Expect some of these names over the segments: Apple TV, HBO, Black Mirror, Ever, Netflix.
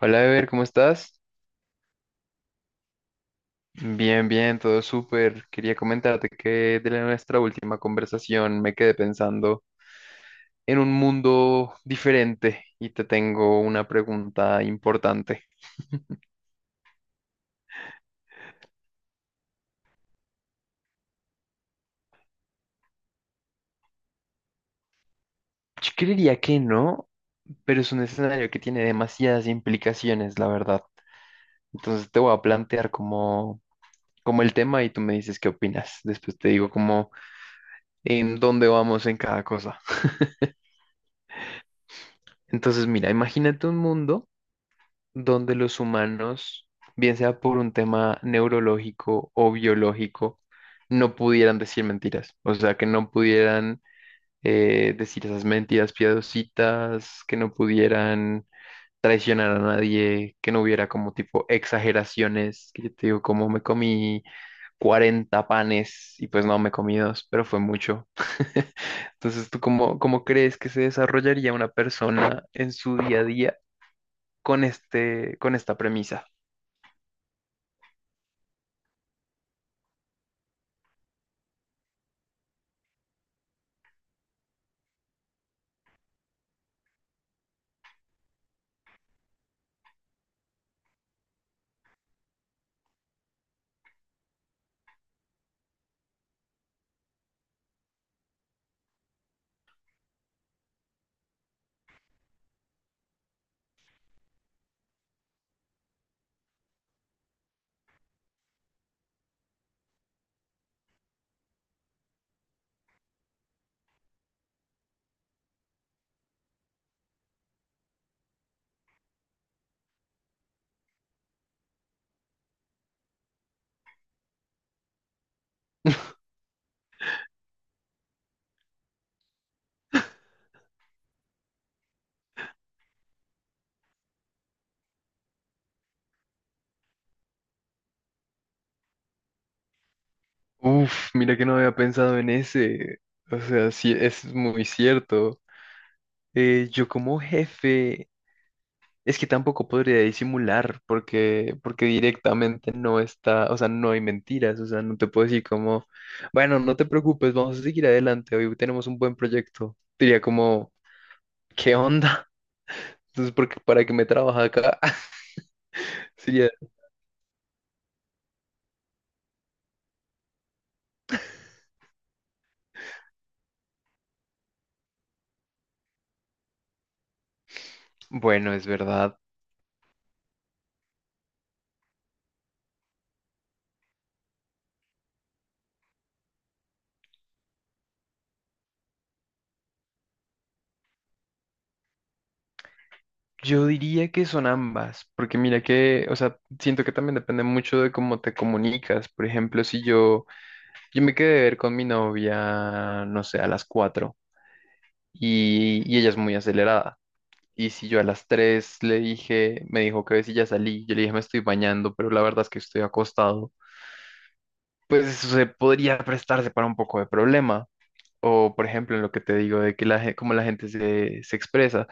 Hola, Ever, ¿cómo estás? Bien, bien, todo súper. Quería comentarte que nuestra última conversación me quedé pensando en un mundo diferente y te tengo una pregunta importante. Yo creería que no, pero es un escenario que tiene demasiadas implicaciones, la verdad. Entonces te voy a plantear como el tema y tú me dices qué opinas. Después te digo como en dónde vamos en cada cosa. Entonces, mira, imagínate un mundo donde los humanos, bien sea por un tema neurológico o biológico, no pudieran decir mentiras, o sea, que no pudieran decir esas mentiras piadositas, que no pudieran traicionar a nadie, que no hubiera como tipo exageraciones, que yo te digo, como me comí 40 panes y pues no, me comí dos, pero fue mucho. Entonces, ¿tú cómo crees que se desarrollaría una persona en su día a día con esta premisa? Uf, mira que no había pensado en ese. O sea, sí, es muy cierto. Yo como jefe, es que tampoco podría disimular porque directamente no está, o sea, no hay mentiras, o sea, no te puedo decir como, bueno, no te preocupes, vamos a seguir adelante, hoy tenemos un buen proyecto. Diría como, ¿qué onda? Entonces, porque para qué me trabaja acá, sería, bueno, es verdad. Yo diría que son ambas, porque mira que, o sea, siento que también depende mucho de cómo te comunicas. Por ejemplo, si yo, yo me quedé de ver con mi novia, no sé, a las 4 y ella es muy acelerada. Y si yo a las 3 le dije, me dijo que si ya salí, yo le dije me estoy bañando, pero la verdad es que estoy acostado, pues eso se podría prestarse para un poco de problema. O por ejemplo, en lo que te digo de que cómo la gente se expresa.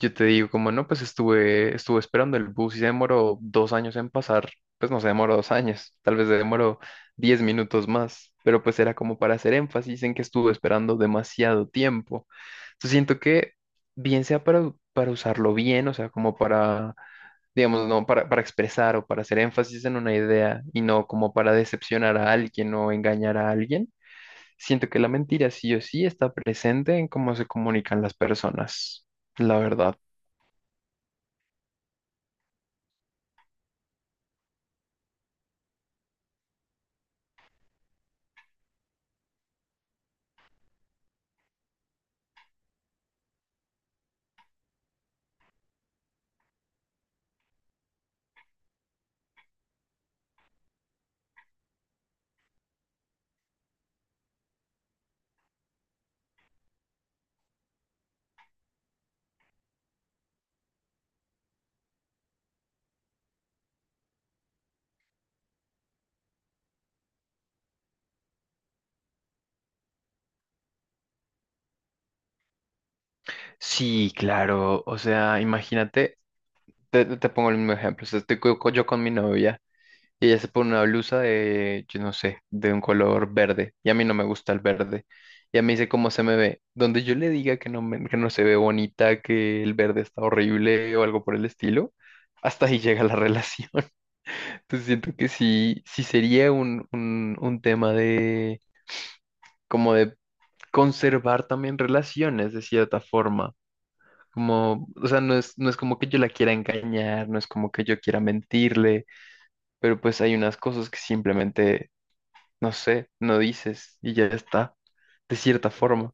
Yo te digo, como no, pues estuve esperando el bus y se demoró 2 años en pasar, pues no se demoró 2 años, tal vez se demoró 10 minutos más, pero pues era como para hacer énfasis en que estuve esperando demasiado tiempo. Entonces siento que bien sea para usarlo bien, o sea, como para, digamos, no, para expresar o para hacer énfasis en una idea y no como para decepcionar a alguien o engañar a alguien, siento que la mentira sí o sí está presente en cómo se comunican las personas, la verdad. Sí, claro. O sea, imagínate, te pongo el mismo ejemplo. O sea, estoy yo con mi novia y ella se pone una blusa de, yo no sé, de un color verde y a mí no me gusta el verde. Y a mí dice cómo se me ve. Donde yo le diga que no, que no se ve bonita, que el verde está horrible o algo por el estilo, hasta ahí llega la relación. Entonces siento que sí, sí sería un tema de, como de conservar también relaciones de cierta forma. Como, o sea, no es como que yo la quiera engañar, no es como que yo quiera mentirle, pero pues hay unas cosas que simplemente, no sé, no dices y ya está, de cierta forma.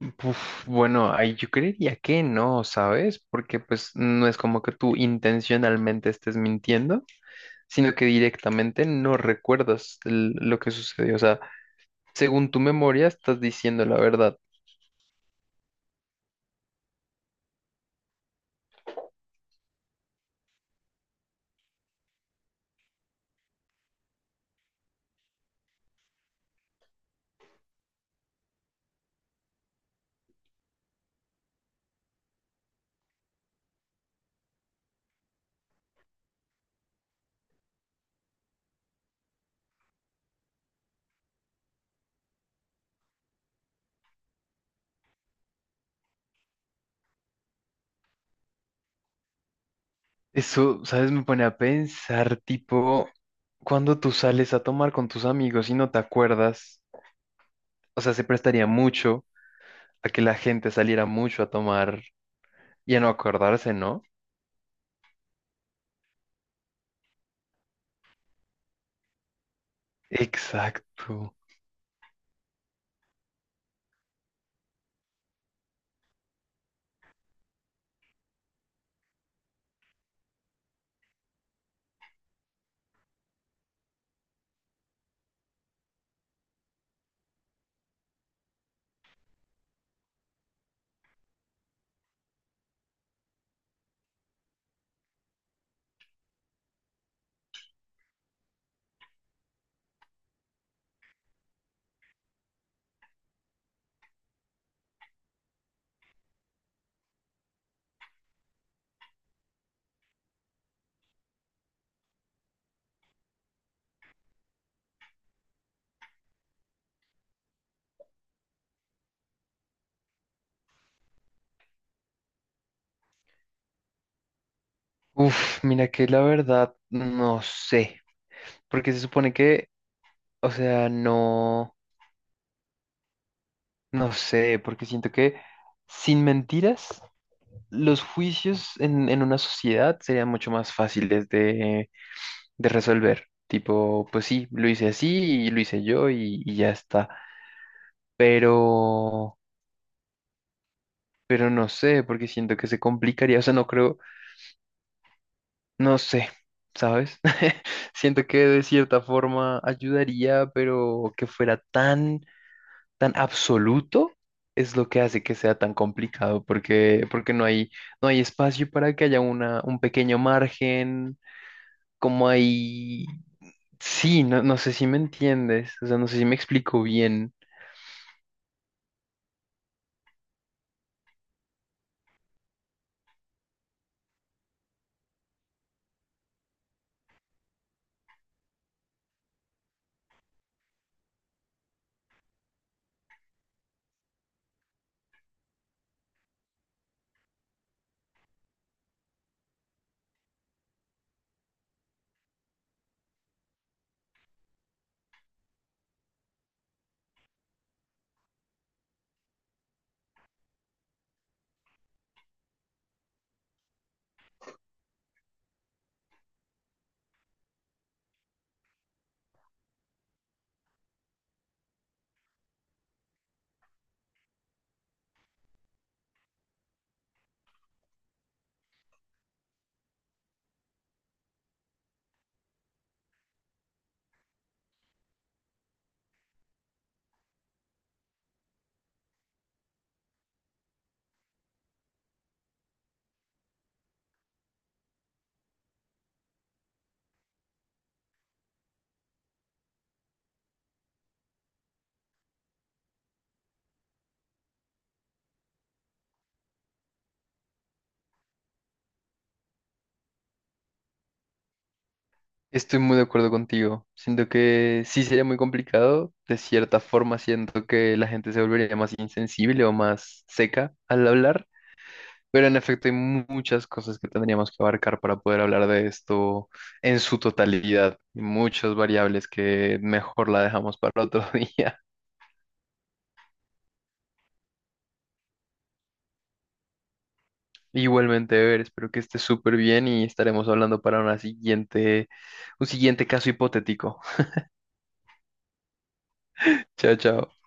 Uf, bueno, ahí yo creería que no, ¿sabes? Porque pues no es como que tú intencionalmente estés mintiendo, sino que directamente no recuerdas lo que sucedió. O sea, según tu memoria estás diciendo la verdad. Eso, ¿sabes? Me pone a pensar, tipo, cuando tú sales a tomar con tus amigos y no te acuerdas, o sea, se prestaría mucho a que la gente saliera mucho a tomar y a no acordarse, ¿no? Exacto. Uf, mira que la verdad, no sé, porque se supone que, o sea, no, no sé, porque siento que sin mentiras, los juicios en una sociedad serían mucho más fáciles de resolver. Tipo, pues sí, lo hice así y lo hice yo y ya está. Pero, pero no sé, porque siento que se complicaría. O sea, no creo, no sé, ¿sabes? Siento que de cierta forma ayudaría, pero que fuera tan, tan absoluto es lo que hace que sea tan complicado, porque no hay espacio para que haya un pequeño margen, como hay... Sí, no, no sé si me entiendes, o sea, no sé si me explico bien. Estoy muy de acuerdo contigo. Siento que sí sería muy complicado. De cierta forma, siento que la gente se volvería más insensible o más seca al hablar. Pero en efecto, hay muchas cosas que tendríamos que abarcar para poder hablar de esto en su totalidad. Y muchas variables que mejor la dejamos para otro día. Igualmente, ver, espero que estés súper bien y estaremos hablando para un siguiente caso hipotético. Chao, chao.